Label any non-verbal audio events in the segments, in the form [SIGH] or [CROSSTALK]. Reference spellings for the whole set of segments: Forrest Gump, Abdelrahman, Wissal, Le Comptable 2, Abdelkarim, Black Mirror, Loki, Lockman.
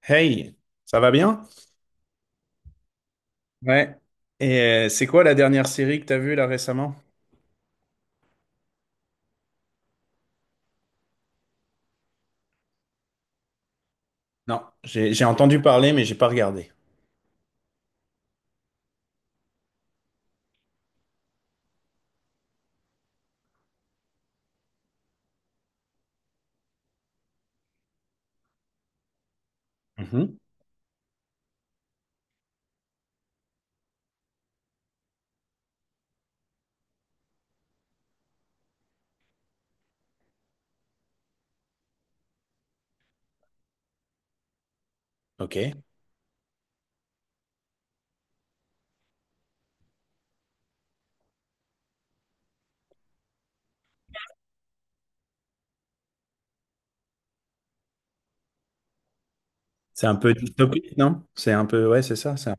Hey, ça va bien? Ouais. Et c'est quoi la dernière série que t'as vue là récemment? Non, j'ai entendu parler mais j'ai pas regardé. Mhm. Ok. C'est un peu dystopique, non? C'est un peu ouais, c'est ça,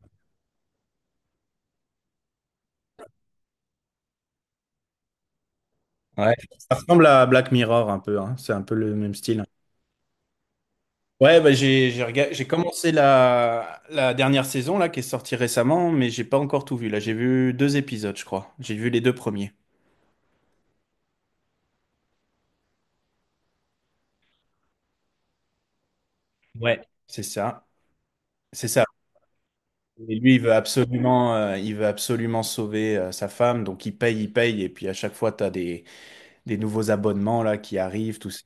Ouais. Ça ressemble à Black Mirror un peu, hein. C'est un peu le même style. Ouais, bah j'ai commencé la dernière saison là qui est sortie récemment, mais j'ai pas encore tout vu. Là, j'ai vu deux épisodes, je crois. J'ai vu les deux premiers. C'est ça. C'est ça. Et lui, il veut absolument sauver sa femme, donc il paye, et puis à chaque fois, tu as des nouveaux abonnements là qui arrivent, tout ça.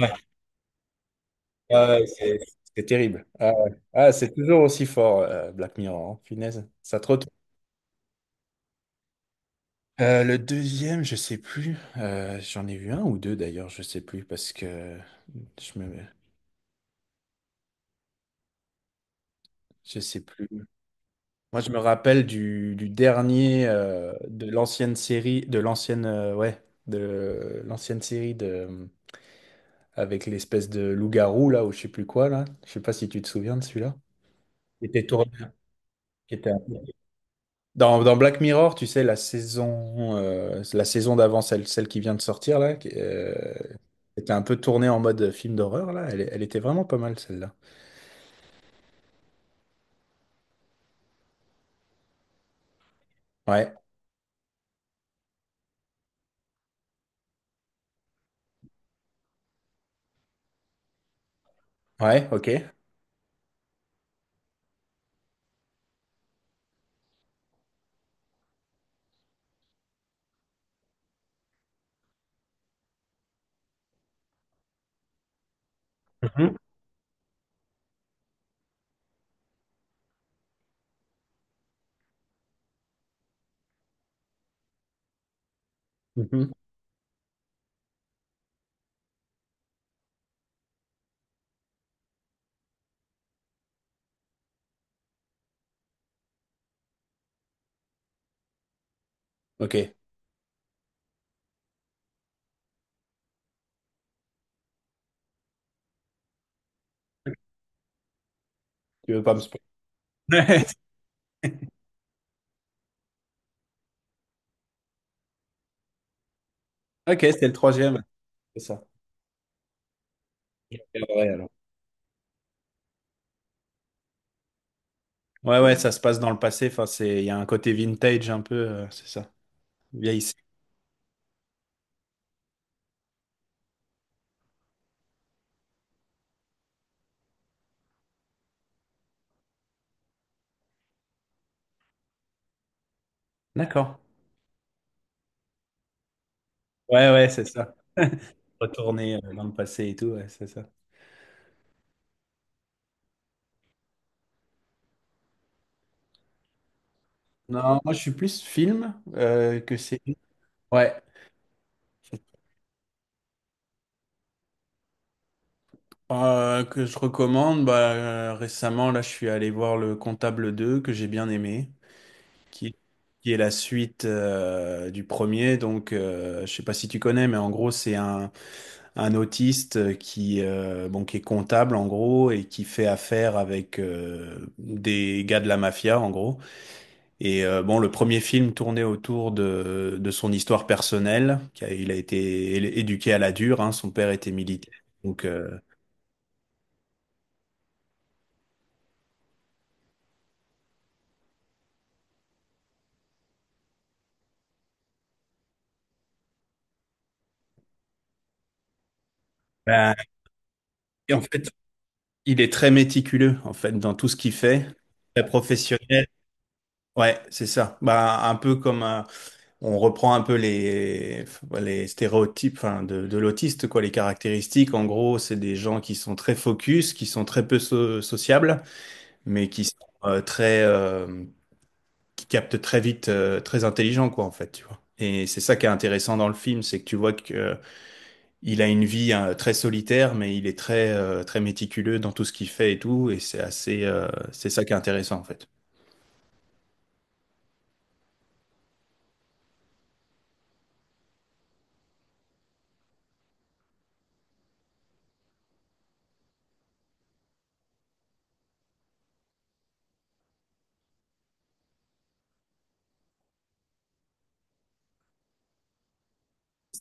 Ouais. Ah ouais, c'est terrible. Ah, ouais. Ah, c'est toujours aussi fort, Black Mirror, hein. Punaise, ça te retourne. Le deuxième, je sais plus. J'en ai vu un ou deux d'ailleurs, je sais plus parce que je me, je sais plus. Moi, je me rappelle du dernier de l'ancienne série, de l'ancienne série de avec l'espèce de loup-garou là ou je sais plus quoi là. Je sais pas si tu te souviens de celui-là. Qui était tourné, qui était un Dans, dans Black Mirror, tu sais, la saison d'avant, celle qui vient de sortir là, était un peu tournée en mode film d'horreur là. Elle était vraiment pas mal celle-là. Ouais, ouais, ok. Mhm. Mhm. Ok, tu veux pas me spoiler. [LAUGHS] Ok, c'est le troisième. C'est ça. Je regarderai, alors. Ouais, ouais, ça se passe dans le passé. Enfin, c'est, il y a un côté vintage un peu, c'est ça. Vieillissant. D'accord. Ouais, ouais, c'est ça. Retourner dans le passé et tout, ouais, c'est ça. Non, moi je suis plus film que série. Ouais. Que je recommande. Bah, récemment, là, je suis allé voir Le Comptable 2 que j'ai bien aimé, qui, qui est la suite du premier. Donc, je sais pas si tu connais, mais en gros, un autiste qui, qui est comptable en gros et qui fait affaire avec des gars de la mafia en gros. Et le premier film tournait autour de son histoire personnelle. Il a été éduqué à la dure, hein, son père était militaire. Donc, ben, et en fait, il est très méticuleux en fait dans tout ce qu'il fait, très professionnel. Ouais, c'est ça. Bah, un peu comme un- on reprend un peu les stéréotypes enfin, de l'autiste, quoi, les caractéristiques. En gros, c'est des gens qui sont très focus, qui sont très peu sociables, mais qui sont euh, très, euh, qui capte très vite, très intelligent, quoi, en fait, tu vois. Et c'est ça qui est intéressant dans le film, c'est que tu vois que il a une vie hein, très solitaire, mais il est très très méticuleux dans tout ce qu'il fait et tout, et c'est assez, c'est ça qui est intéressant en fait.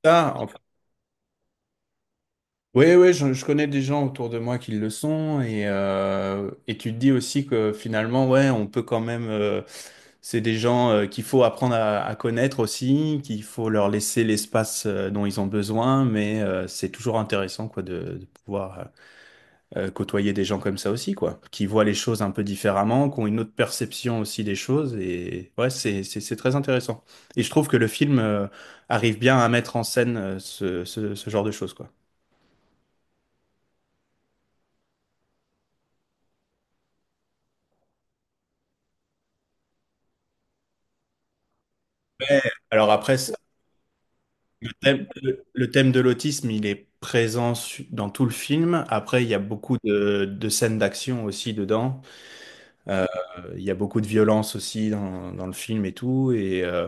Ça, en Oui, oui, je connais des gens autour de moi qui le sont et tu te dis aussi que finalement, ouais, on peut quand même, c'est des gens qu'il faut apprendre à connaître aussi, qu'il faut leur laisser l'espace dont ils ont besoin, mais c'est toujours intéressant quoi de pouvoir côtoyer des gens comme ça aussi quoi, qui voient les choses un peu différemment, qui ont une autre perception aussi des choses et ouais, c'est très intéressant. Et je trouve que le film arrive bien à mettre en scène ce genre de choses quoi. Alors après, le thème de l'autisme, il est présent dans tout le film. Après, il y a beaucoup de scènes d'action aussi dedans. Euh, il y a beaucoup de violence aussi dans, dans le film et tout.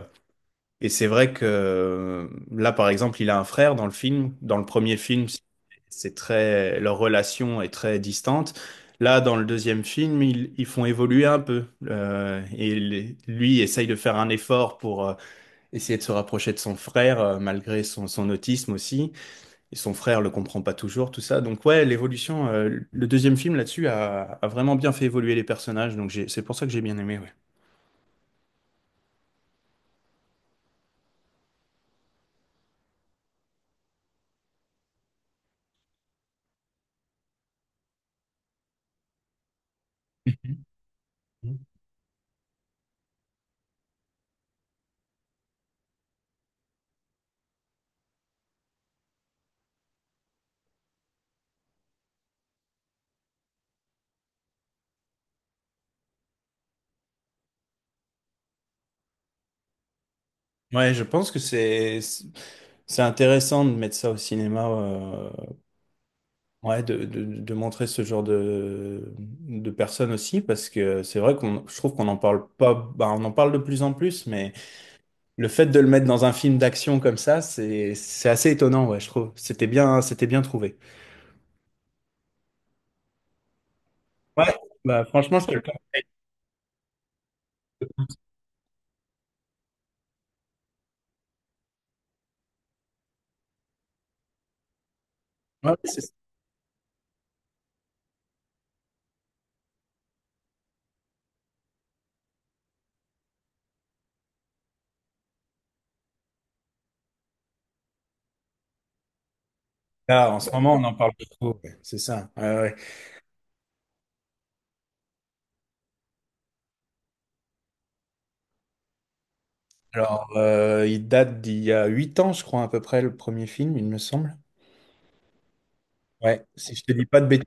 Et c'est vrai que là, par exemple, il a un frère dans le film. Dans le premier film, c'est très, leur relation est très distante. Là, dans le deuxième film, ils font évoluer un peu. Et lui essaye de faire un effort pour essayer de se rapprocher de son frère, malgré son autisme aussi et son frère le comprend pas toujours, tout ça. Donc ouais, l'évolution, le deuxième film là-dessus a vraiment bien fait évoluer les personnages, donc c'est pour ça que j'ai bien aimé, ouais. Ouais, je pense que c'est intéressant de mettre ça au cinéma, ouais, de montrer ce genre de personnes aussi, parce que c'est vrai qu'on, je trouve qu'on en parle pas, bah, on en parle de plus en plus, mais le fait de le mettre dans un film d'action comme ça, c'est assez étonnant, ouais, je trouve. C'était bien trouvé. Ouais, bah franchement, je te le. Ouais, c'est Ah, en ce moment, on en parle beaucoup, ouais, c'est ça. Ouais, ouais. Alors, il date d'il y a 8 ans, je crois, à peu près, le premier film, il me semble. Ouais, si je te dis pas de bêtises.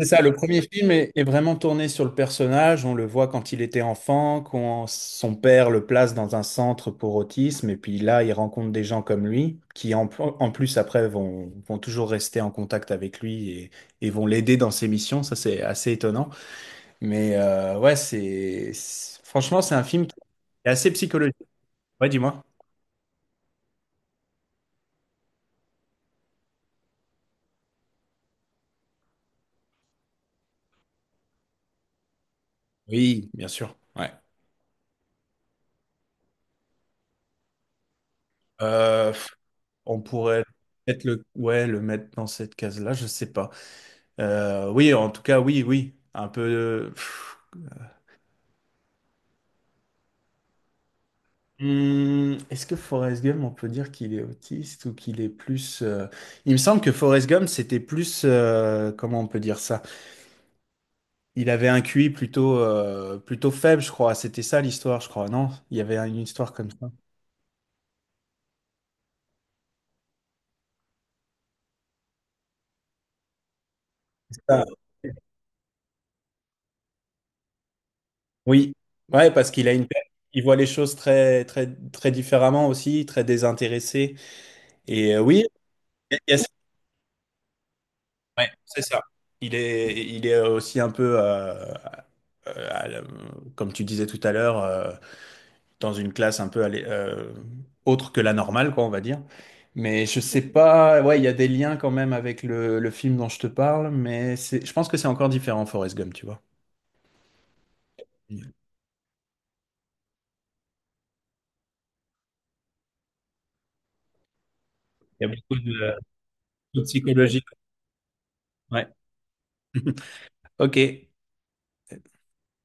C'est ça, le premier film est vraiment tourné sur le personnage. On le voit quand il était enfant, quand son père le place dans un centre pour autisme, et puis là, il rencontre des gens comme lui, en plus, après, vont toujours rester en contact avec lui et et vont l'aider dans ses missions. Ça, c'est assez étonnant. Mais ouais, Franchement, c'est un film C'est assez psychologique. Ouais, dis-moi. Oui, bien sûr. Ouais. Euh, on pourrait peut-être ouais, le mettre dans cette case-là, je sais pas. Oui, en tout cas, oui, oui. Un peu. Pff. Hmm, est-ce que Forrest Gump, on peut dire qu'il est autiste ou qu'il est plus. Il me semble que Forrest Gump, c'était plus. Comment on peut dire ça? Il avait un QI plutôt, plutôt faible, je crois. C'était ça l'histoire, je crois. Non? Il y avait une histoire comme ça. Ah. Oui, ouais, parce qu'il a il voit les choses très, très, très différemment aussi, très désintéressé. Et oui, il y a- ouais, c'est ça. Il est aussi un peu, euh, à la- comme tu disais tout à l'heure, dans une classe un peu autre que la normale, quoi, on va dire. Mais je sais pas, ouais, il y a des liens quand même avec le film dont je te parle, mais c'est, je pense que c'est encore différent, Forrest Gump, tu vois. Il y a beaucoup de psychologie. Ouais. [LAUGHS] Ok.